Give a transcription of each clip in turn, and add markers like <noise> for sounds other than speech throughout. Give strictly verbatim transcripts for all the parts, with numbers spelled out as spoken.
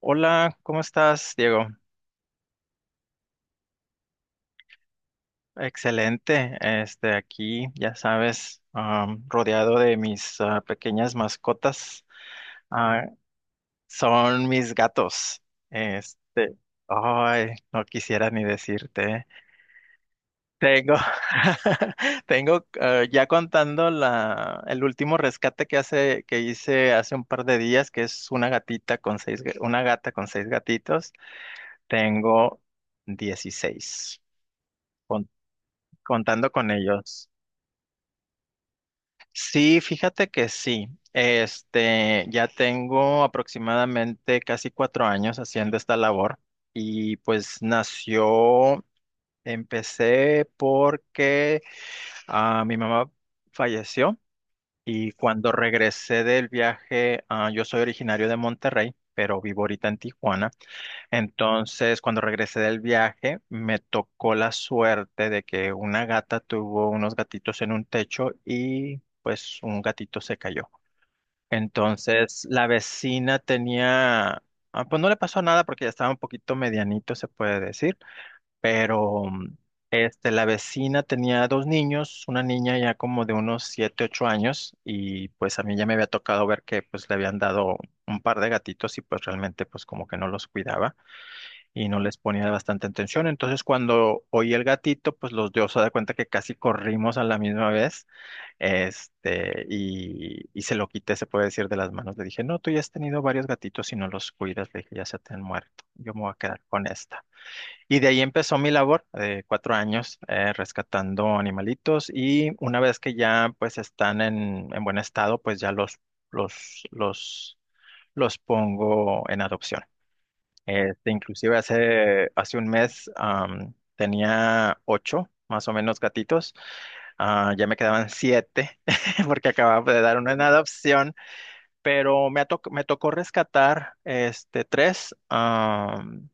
Hola, ¿cómo estás, Diego? Excelente. Este, aquí, ya sabes, am, rodeado de mis ah, pequeñas mascotas. Ah, Son mis gatos. Este, ay, no quisiera ni decirte. Tengo, <laughs> tengo, ah, ya contando la, el último rescate que hace, que hice hace un par de días, que es una gatita con seis, ga- una gata con seis gatitos. Tengo dieciséis. Contando con ellos. Sí, fíjate que sí. Este, ya tengo aproximadamente casi cuatro años haciendo esta labor y pues nació, empecé porque ah, mi mamá falleció y cuando regresé del viaje, ah, yo soy originario de Monterrey, pero vivo ahorita en Tijuana. Entonces, cuando regresé del viaje, me tocó la suerte de que una gata tuvo unos gatitos en un techo y pues un gatito se cayó. Entonces, la vecina tenía, ah, pues no le pasó nada porque ya estaba un poquito medianito, se puede decir, pero mm, este, la vecina tenía dos niños, una niña ya como de unos siete, ocho años y pues a mí ya me había tocado ver que pues le habían dado un par de gatitos y pues realmente pues como que no los cuidaba y no les ponía bastante atención. Entonces, cuando oí el gatito, pues los dos se da cuenta que casi corrimos a la misma vez, este, y, y se lo quité, se puede decir, de las manos. Le dije, no, tú ya has tenido varios gatitos y no los cuidas, le dije, ya se te han muerto, yo me voy a quedar con esta. Y de ahí empezó mi labor de cuatro años eh, rescatando animalitos, y una vez que ya pues están en, en buen estado, pues ya los, los, los, los pongo en adopción. Este, inclusive hace, hace un mes, am, tenía ocho, más o menos, gatitos. Ah, ya me quedaban siete <laughs> porque acababa de dar una en adopción, pero me, ha toc- me tocó rescatar, este, tres, am,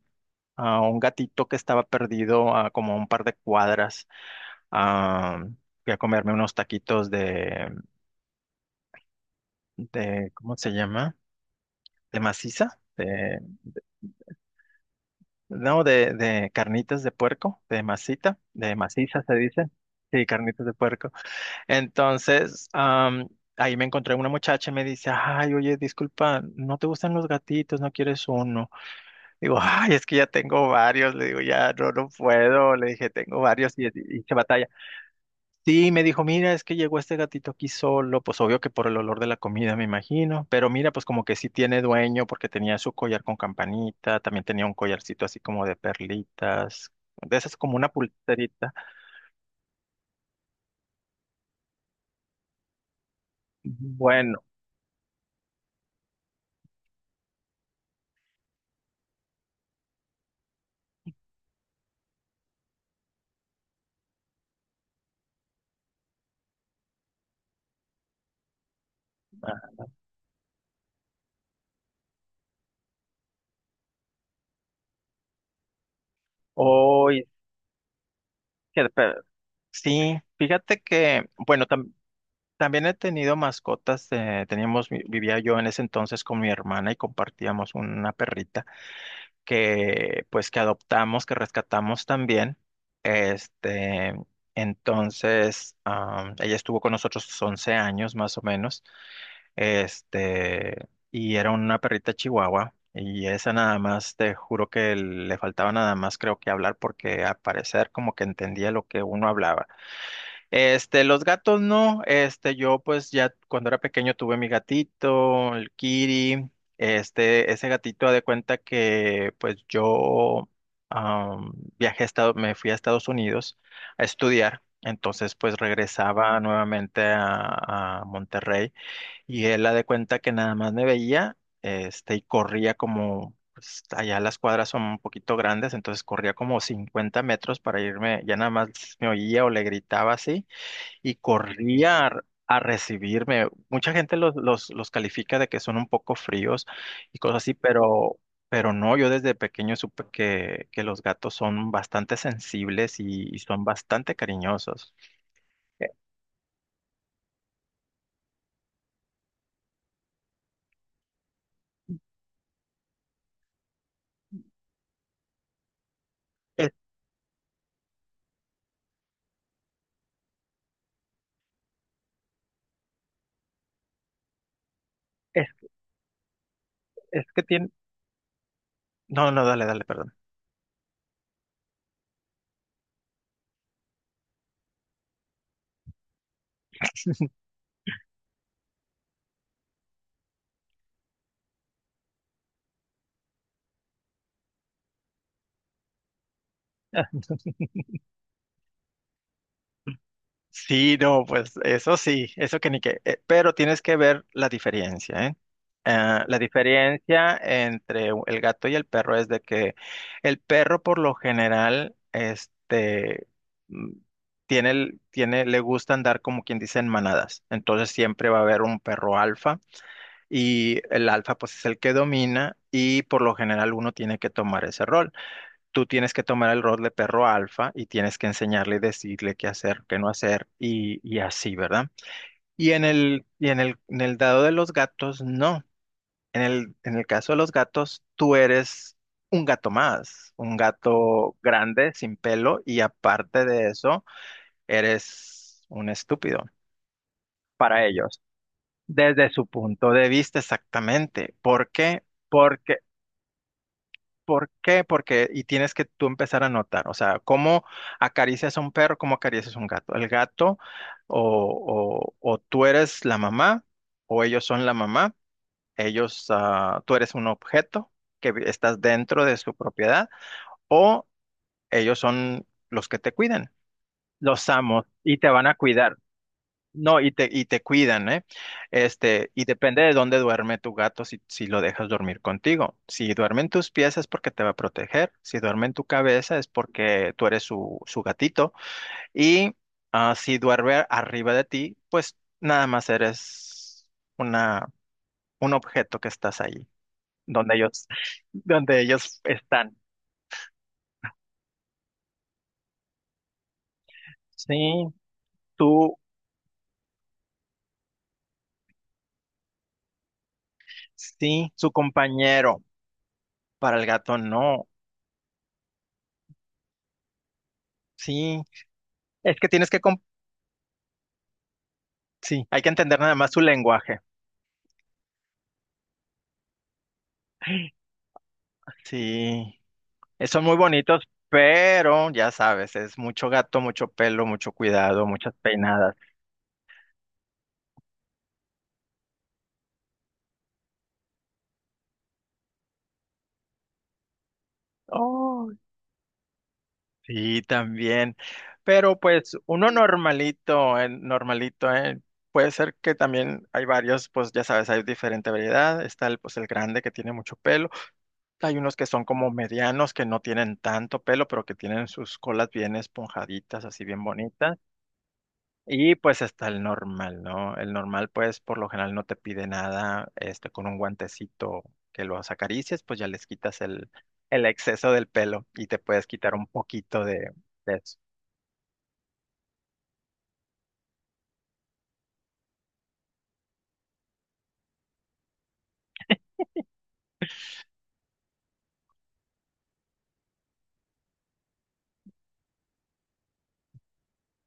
a un gatito que estaba perdido a como un par de cuadras. am, Fui a comerme unos taquitos de, de, ¿cómo se llama? De maciza. No, de, de carnitas de puerco, de masita, de maciza se dice. Sí, carnitas de puerco. Entonces, am, ahí me encontré una muchacha y me dice, ay, oye, disculpa, ¿no te gustan los gatitos? ¿No quieres uno? Digo, ay, es que ya tengo varios. Le digo, ya, no, no puedo. Le dije, tengo varios y, y se batalla. Sí, me dijo, mira, es que llegó este gatito aquí solo, pues obvio que por el olor de la comida, me imagino, pero mira, pues como que sí tiene dueño porque tenía su collar con campanita, también tenía un collarcito así como de perlitas, de esas como una pulserita. Bueno, hoy, sí, fíjate que, bueno, tam- también he tenido mascotas, eh, teníamos, vi- vivía yo en ese entonces con mi hermana y compartíamos una perrita que pues que adoptamos, que rescatamos también. Este, entonces, am, ella estuvo con nosotros once años más o menos. Este, y era una perrita chihuahua. Y esa nada más, te juro que le faltaba nada más, creo que hablar, porque al parecer como que entendía lo que uno hablaba. Este, los gatos no, este, yo pues ya cuando era pequeño tuve mi gatito, el Kiri, este, ese gatito haz de cuenta que pues yo am, viajé a Estados, me fui a Estados Unidos a estudiar, entonces pues regresaba nuevamente a, a Monterrey, y él haz de cuenta que nada más me veía, este, y corría como, pues, allá las cuadras son un poquito grandes, entonces corría como cincuenta metros para irme, ya nada más me oía o le gritaba así y corría a, a recibirme. Mucha gente los, los, los califica de que son un poco fríos y cosas así, pero, pero no, yo desde pequeño supe que, que los gatos son bastante sensibles y, y son bastante cariñosos. Eh, Es, es, es que tienen... No, no, dale, dale, perdón. Sí, no, pues eso sí, eso que ni qué. Eh, pero tienes que ver la diferencia, ¿eh? Ah, la diferencia entre u- el gato y el perro es de que el perro por lo general, este, mm, tiene, el- tiene, le gusta andar como quien dice en manadas. Entonces siempre va a haber un perro alfa, y el alfa pues es el que domina, y por lo general uno tiene que tomar ese rol. Tú tienes que tomar el rol de perro alfa y tienes que enseñarle y decirle qué hacer, qué no hacer y, y así, ¿verdad? Y en el, y en el, en el dado de los gatos, no. En el, en el caso de los gatos, tú eres un gato más, un gato grande, sin pelo y aparte de eso, eres un estúpido para ellos, desde su punto de vista exactamente. ¿Por qué? Porque ¿Por qué? Porque, y tienes que tú empezar a notar, o sea, cómo acaricias a un perro, cómo acaricias a un gato. El gato, o, o- o tú eres la mamá, o ellos son la mamá, ellos, ah, tú eres un objeto que vi- estás dentro de su propiedad, o ellos son los que te cuidan, los amos, y te van a cuidar. No, y te, y te cuidan, ¿eh? Este, y depende de dónde duerme tu gato, si, si lo dejas dormir contigo. Si duerme en tus pies es porque te va a proteger. Si duerme en tu cabeza es porque tú eres su, su gatito. Y ah, si duerme arriba de ti, pues nada más eres una, un objeto que estás ahí, donde ellos, <laughs> donde ellos están. Sí, tú, sí, su compañero. Para el gato no. Sí, es que tienes que... Sí, hay que entender nada más su lenguaje. Sí, eh, son muy bonitos, pero ya sabes, es mucho gato, mucho pelo, mucho cuidado, muchas peinadas. Oh, sí, también. Pero pues uno normalito, eh, normalito, eh, Puede ser que también hay varios, pues ya sabes, hay diferente variedad. Está el, pues el grande que tiene mucho pelo. Hay unos que son como medianos que no tienen tanto pelo, pero que tienen sus colas bien esponjaditas, así bien bonitas. Y pues está el normal, ¿no? El normal, pues por lo general no te pide nada, este, con un guantecito que los acaricias, pues ya les quitas el, el exceso del pelo y te puedes quitar un poquito de, de eso.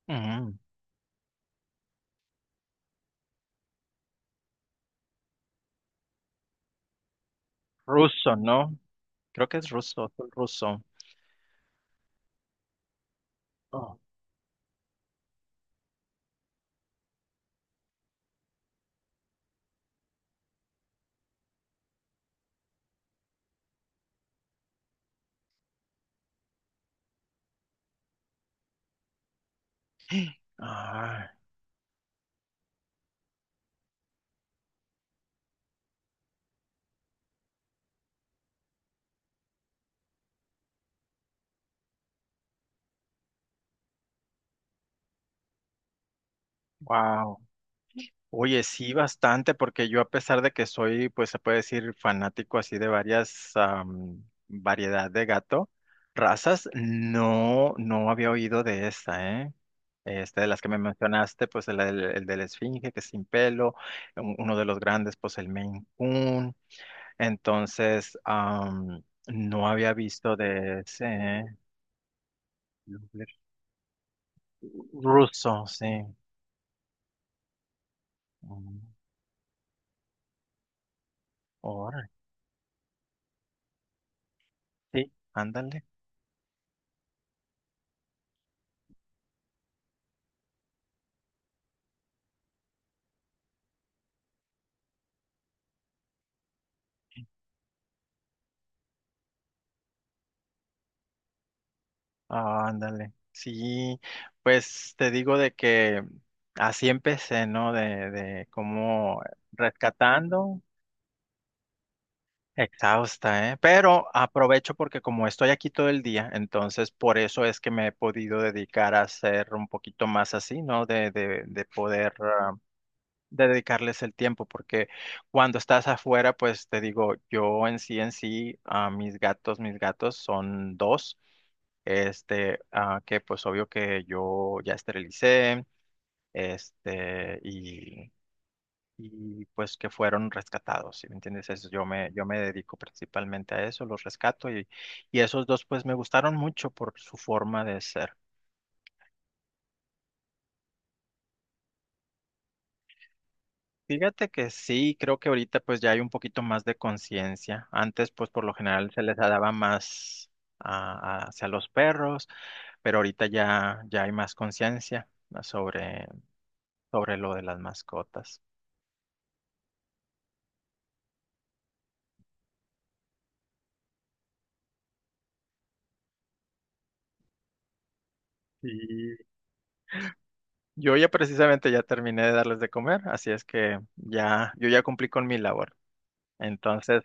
Ujú. Ruso, ¿no? Creo que es ruso, azul ruso. Oh. Ay, wow. Oye, sí, bastante, porque yo a pesar de que soy, pues se puede decir, fanático así de varias, am, variedad de gato, razas, no, no había oído de esta, ¿eh? Este, de las que me mencionaste, pues el, del el de la Esfinge, que es sin pelo, un- uno de los grandes, pues el Maine Coon. Entonces, am, no había visto de ese ruso, sí. Mm. Órale, sí, ándale, ah, ándale. Sí, pues te digo de que así empecé, ¿no? De, de cómo rescatando. Exhausta, ¿eh? Pero aprovecho porque como estoy aquí todo el día, entonces por eso es que me he podido dedicar a ser un poquito más así, ¿no? De, de, de poder, ah, de dedicarles el tiempo, porque cuando estás afuera, pues te digo, yo en sí, en sí, a mis gatos, mis gatos, son dos, este, ah, que pues obvio que yo ya esterilicé, este, y y pues que fueron rescatados, ¿sí me entiendes? Eso, yo me, yo me dedico principalmente a eso, los rescato y, y esos dos pues me gustaron mucho por su forma de ser. Fíjate que sí, creo que ahorita pues ya hay un poquito más de conciencia. Antes pues por lo general se les daba más a- a- hacia los perros, pero ahorita ya, ya hay más conciencia sobre, sobre lo de las mascotas. Y yo ya precisamente ya terminé de darles de comer, así es que ya, yo ya cumplí con mi labor. Entonces,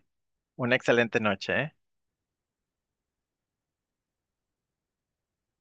una excelente noche, ¿eh?